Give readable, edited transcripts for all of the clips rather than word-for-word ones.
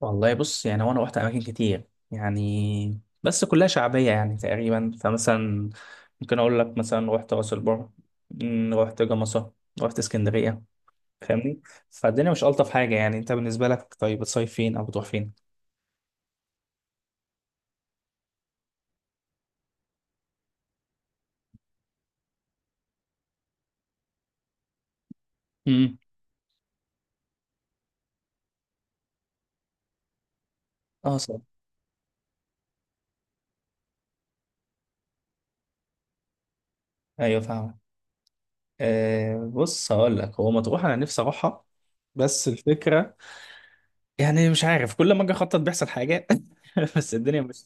والله بص، يعني هو انا رحت اماكن كتير يعني بس كلها شعبيه يعني تقريبا. فمثلا ممكن اقول لك، مثلا رحت راس البر، رحت جمصه، رحت اسكندريه. فاهمني؟ فالدنيا مش الطف حاجه. يعني انت بالنسبه لك طيب، بتصيف فين او بتروح فين؟ امم. اه صح. ايوه فاهم. بص هقول لك، هو مطروح انا نفسي اروحها. بس الفكره، يعني مش عارف كل ما اجي اخطط بيحصل حاجه. بس الدنيا مش...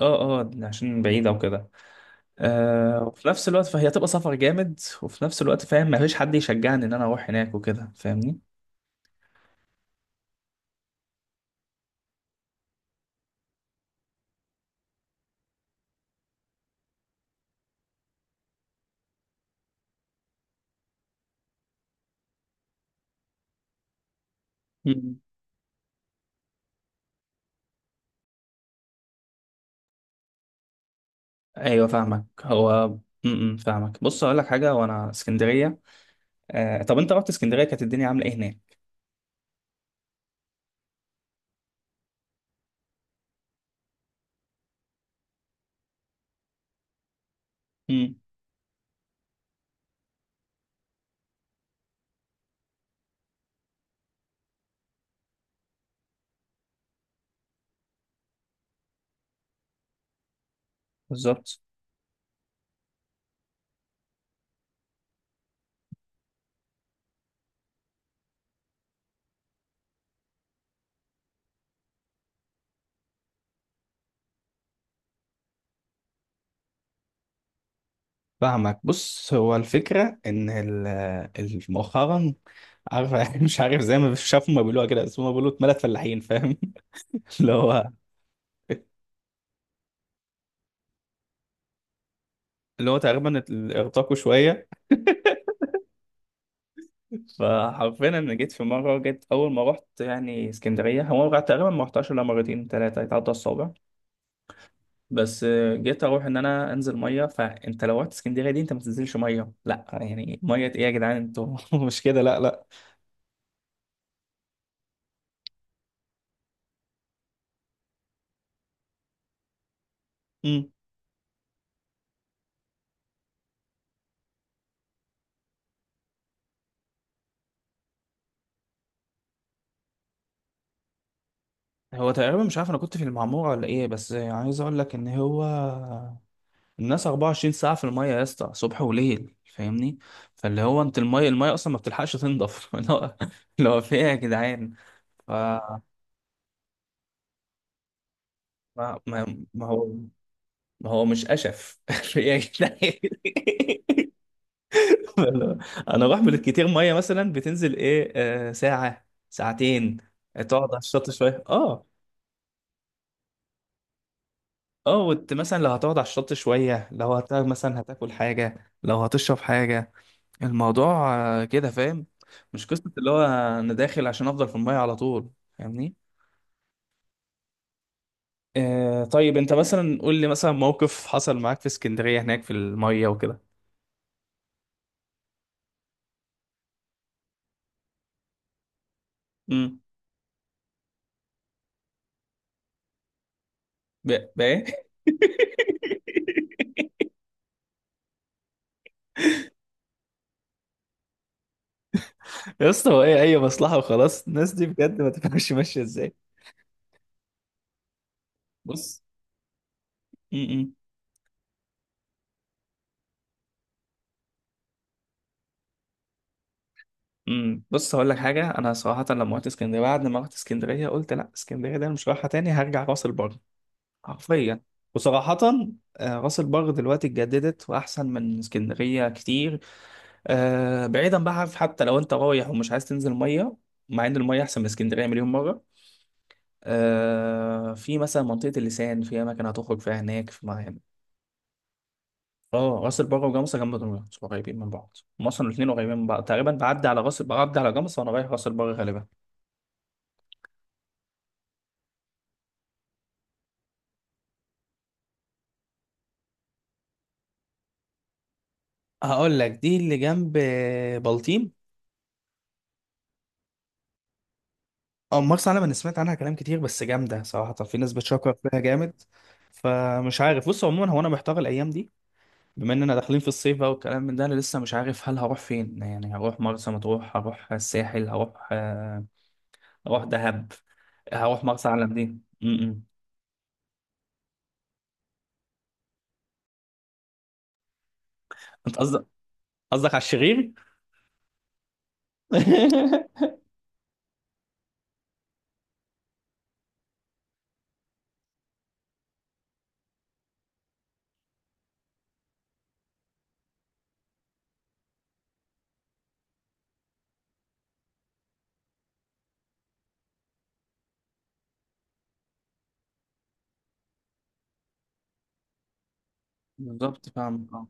اه عشان بعيده وكده. وفي نفس الوقت فهي تبقى سفر جامد، وفي نفس الوقت فاهم مفيش حد يشجعني ان انا اروح هناك وكده. فاهمني؟ مم. ايوه فاهمك هو. فاهمك. بص اقول لك حاجه، وانا اسكندريه، طب انت رحت اسكندريه كانت الدنيا عامله ايه هناك؟ مم. بالظبط فاهمك. بص هو الفكرة إن مؤخرا عارف، مش عارف زي ما شافوا ما بيقولوها كده، بس هما بيقولوا اتملت فلاحين فاهم. اللي هو تقريبا ارتقوا شوية. فحرفيا انا جيت في مره جيت اول ما رحت يعني اسكندريه. هو أنا تقريبا ما رحتهاش الا مرتين ثلاثه يتعدى الصابع. بس جيت اروح ان انا انزل ميه. فانت لو رحت اسكندريه دي انت ما تنزلش ميه. لا يعني ميه ايه يا جدعان انتوا؟ مش كده لا. مم. هو تقريبا مش عارف انا كنت في المعموره ولا ايه، بس عايز اقول لك ان هو الناس 24 ساعه في الميه يا اسطى صبح وليل. فاهمني؟ فاللي هو انت الميه اصلا ما بتلحقش تنضف. اللي هو في ايه يا جدعان؟ ف ما ما ما هو ما هو مش أشف يا جدعان. أنا أروح بالكتير مية. مثلا بتنزل إيه؟ ساعة ساعتين. تقعد على الشط شوية. أه. أه مثلا لو هتقعد على الشط شوية، لو مثلا هتاكل حاجة، لو هتشرب حاجة. الموضوع كده فاهم. مش قصة اللي هو أنا داخل عشان أفضل في المية على طول. فاهمني؟ طيب أنت مثلا قول لي مثلا موقف حصل معاك في اسكندرية هناك في المية وكده. امم. بقى إيه؟ يا اسطى هو ايه اي مصلحه وخلاص؟ الناس دي بجد ما تفهمش ماشيه ازاي. بص. امم. امم. بص هقول لك حاجه، انا صراحه لما رحت اسكندريه، بعد ما رحت اسكندريه قلت لا، اسكندريه ده أنا مش رايحه تاني، هرجع راس البر. حرفيا. وصراحه، راس البر دلوقتي اتجددت واحسن من اسكندريه كتير. بعيدا بقى عارف، حتى لو انت رايح ومش عايز تنزل ميه، مع ان الميه احسن من اسكندريه مليون مره. في مثلا منطقه اللسان، في اماكن هتخرج فيها هناك. اه راس البر وجمصة جنب دمياط، قريبين من بعض، هم اصلا الاثنين قريبين من بعض تقريبا. بعدي على راس، بعدي على جمصة، وانا رايح راس البر غالبا. هقول لك دي اللي جنب بلطيم. او مرسى علم، انا سمعت عنها كلام كتير، بس جامده صراحه، في ناس بتشكر فيها جامد. فمش عارف. بص عموما هو انا محتار الايام دي، بما اننا داخلين في الصيف بقى والكلام من ده، انا لسه مش عارف هل هروح فين. يعني هروح مرسى مطروح، هروح الساحل، هروح دهب، هروح مرسى علم دي م. -م. انت قصدك، على الشرير؟ بالظبط فاهمك. اه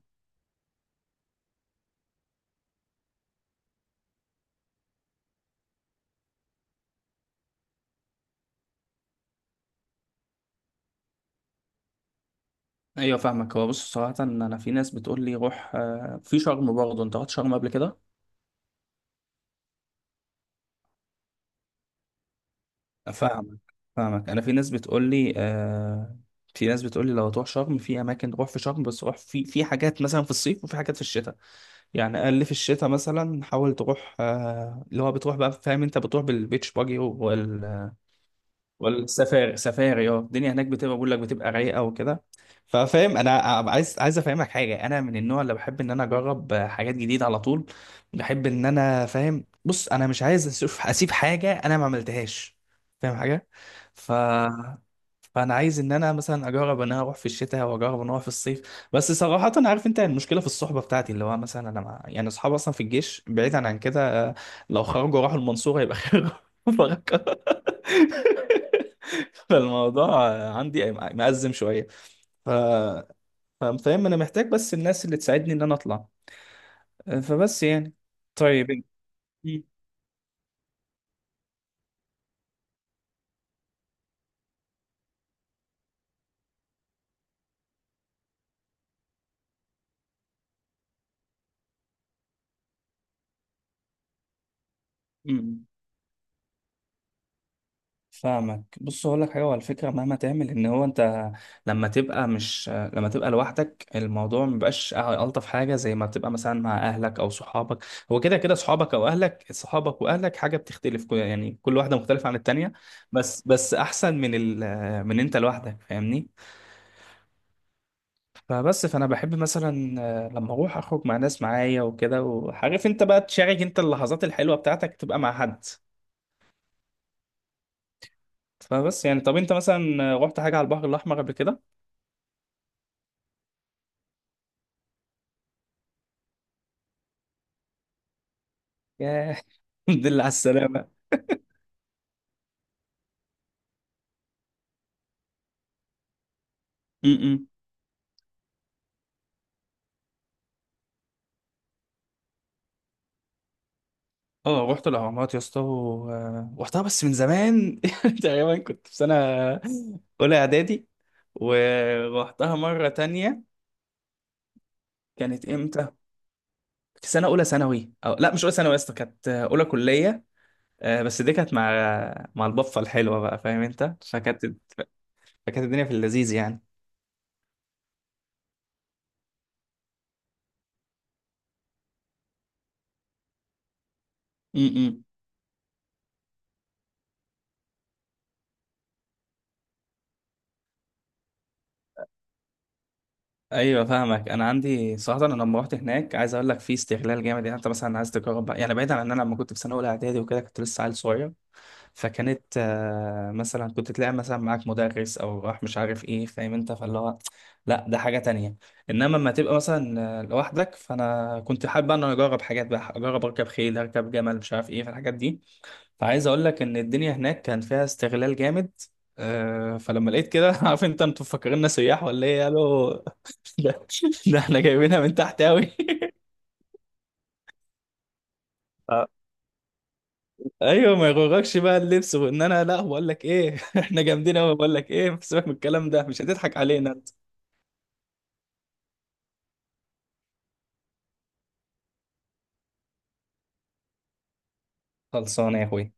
ايوه فاهمك. هو بص صراحة انا في ناس بتقول لي روح في شرم برضه. انت رحت شرم قبل كده؟ فاهمك انا في ناس بتقول لي لو تروح شرم، في اماكن تروح في شرم، بس روح في حاجات مثلا في الصيف وفي حاجات في الشتاء. يعني اقل في الشتاء مثلا حاول تروح اللي هو بتروح بقى فاهم، انت بتروح بالبيتش باجي والسفاري. سفاري اه، الدنيا هناك بتبقى، بقول لك بتبقى رايقه وكده. ففاهم انا. عايز افهمك حاجه، انا من النوع اللي بحب ان انا اجرب حاجات جديده على طول. بحب ان انا فاهم، بص انا مش عايز أسيب حاجه انا ما عملتهاش. فاهم حاجه؟ ف فانا عايز ان انا مثلا اجرب ان انا اروح في الشتاء، واجرب ان اروح في الصيف. بس صراحه انا عارف انت المشكله في الصحبه بتاعتي، اللي هو مثلا انا مع... يعني اصحابي اصلا في الجيش، بعيدا عن كده. لو خرجوا راحوا المنصوره يبقى خير. بفكر. فالموضوع عندي مأزم شوية. ف... فاهم أنا محتاج بس الناس اللي تساعدني إن أنا أطلع. فبس يعني. طيب. م- م- فاهمك. بص اقول لك حاجه على فكره، مهما تعمل ان هو انت، لما تبقى مش لما تبقى لوحدك، الموضوع مبقاش الطف حاجه زي ما بتبقى مثلا مع اهلك او صحابك. هو كده كده، صحابك او اهلك، صحابك واهلك حاجه بتختلف، يعني كل واحده مختلفه عن التانيه. بس احسن من انت لوحدك. فاهمني؟ فبس، فانا بحب مثلا لما اروح اخرج مع ناس معايا وكده، وعارف انت بقى تشارك انت اللحظات الحلوه بتاعتك تبقى مع حد. فبس يعني. طب انت مثلا رحت حاجه على البحر الاحمر قبل كده؟ الحمد لله على السلامة. م-م. اه رحت الأهرامات يا اسطى و رحتها بس من زمان. تقريبا كنت في سنة أولى إعدادي، ورحتها مرة تانية. كانت إمتى؟ في سنة أولى ثانوي، أو لا مش أولى ثانوي يا اسطى، كانت أولى كلية. بس دي كانت مع البفة الحلوة بقى، فاهم أنت؟ فكانت الدنيا في اللذيذ يعني. م-م. ايوه فاهمك. انا عندي صراحه، انا لما رحت هناك عايز اقول لك في استغلال جامد. يعني انت مثلا عايز تجرب بقى، يعني بعيدا عن ان انا لما كنت في سنه اولى اعدادي وكده كنت لسه عيل صغير. فكانت مثلا كنت تلاقي مثلا معاك مدرس او راح مش عارف ايه، فاهم انت؟ فاللي هو لا، ده حاجه تانية. انما لما تبقى مثلا لوحدك، فانا كنت حابب ان انا اجرب حاجات بقى، اجرب اركب خيل، اركب جمل، مش عارف ايه، فالحاجات دي. فعايز اقول لك ان الدنيا هناك كان فيها استغلال جامد. فلما لقيت كده عارف انت، انتوا مفكريننا سياح ولا ايه؟ قالوا ده ده احنا جايبينها من تحت قوي. ايوه ما يغركش بقى اللبس، وان انا لا بقول لك ايه احنا جامدين قوي، بقول لك ايه سيبك من الكلام ده، مش هتضحك علينا انت. خلصانه يا اخوي.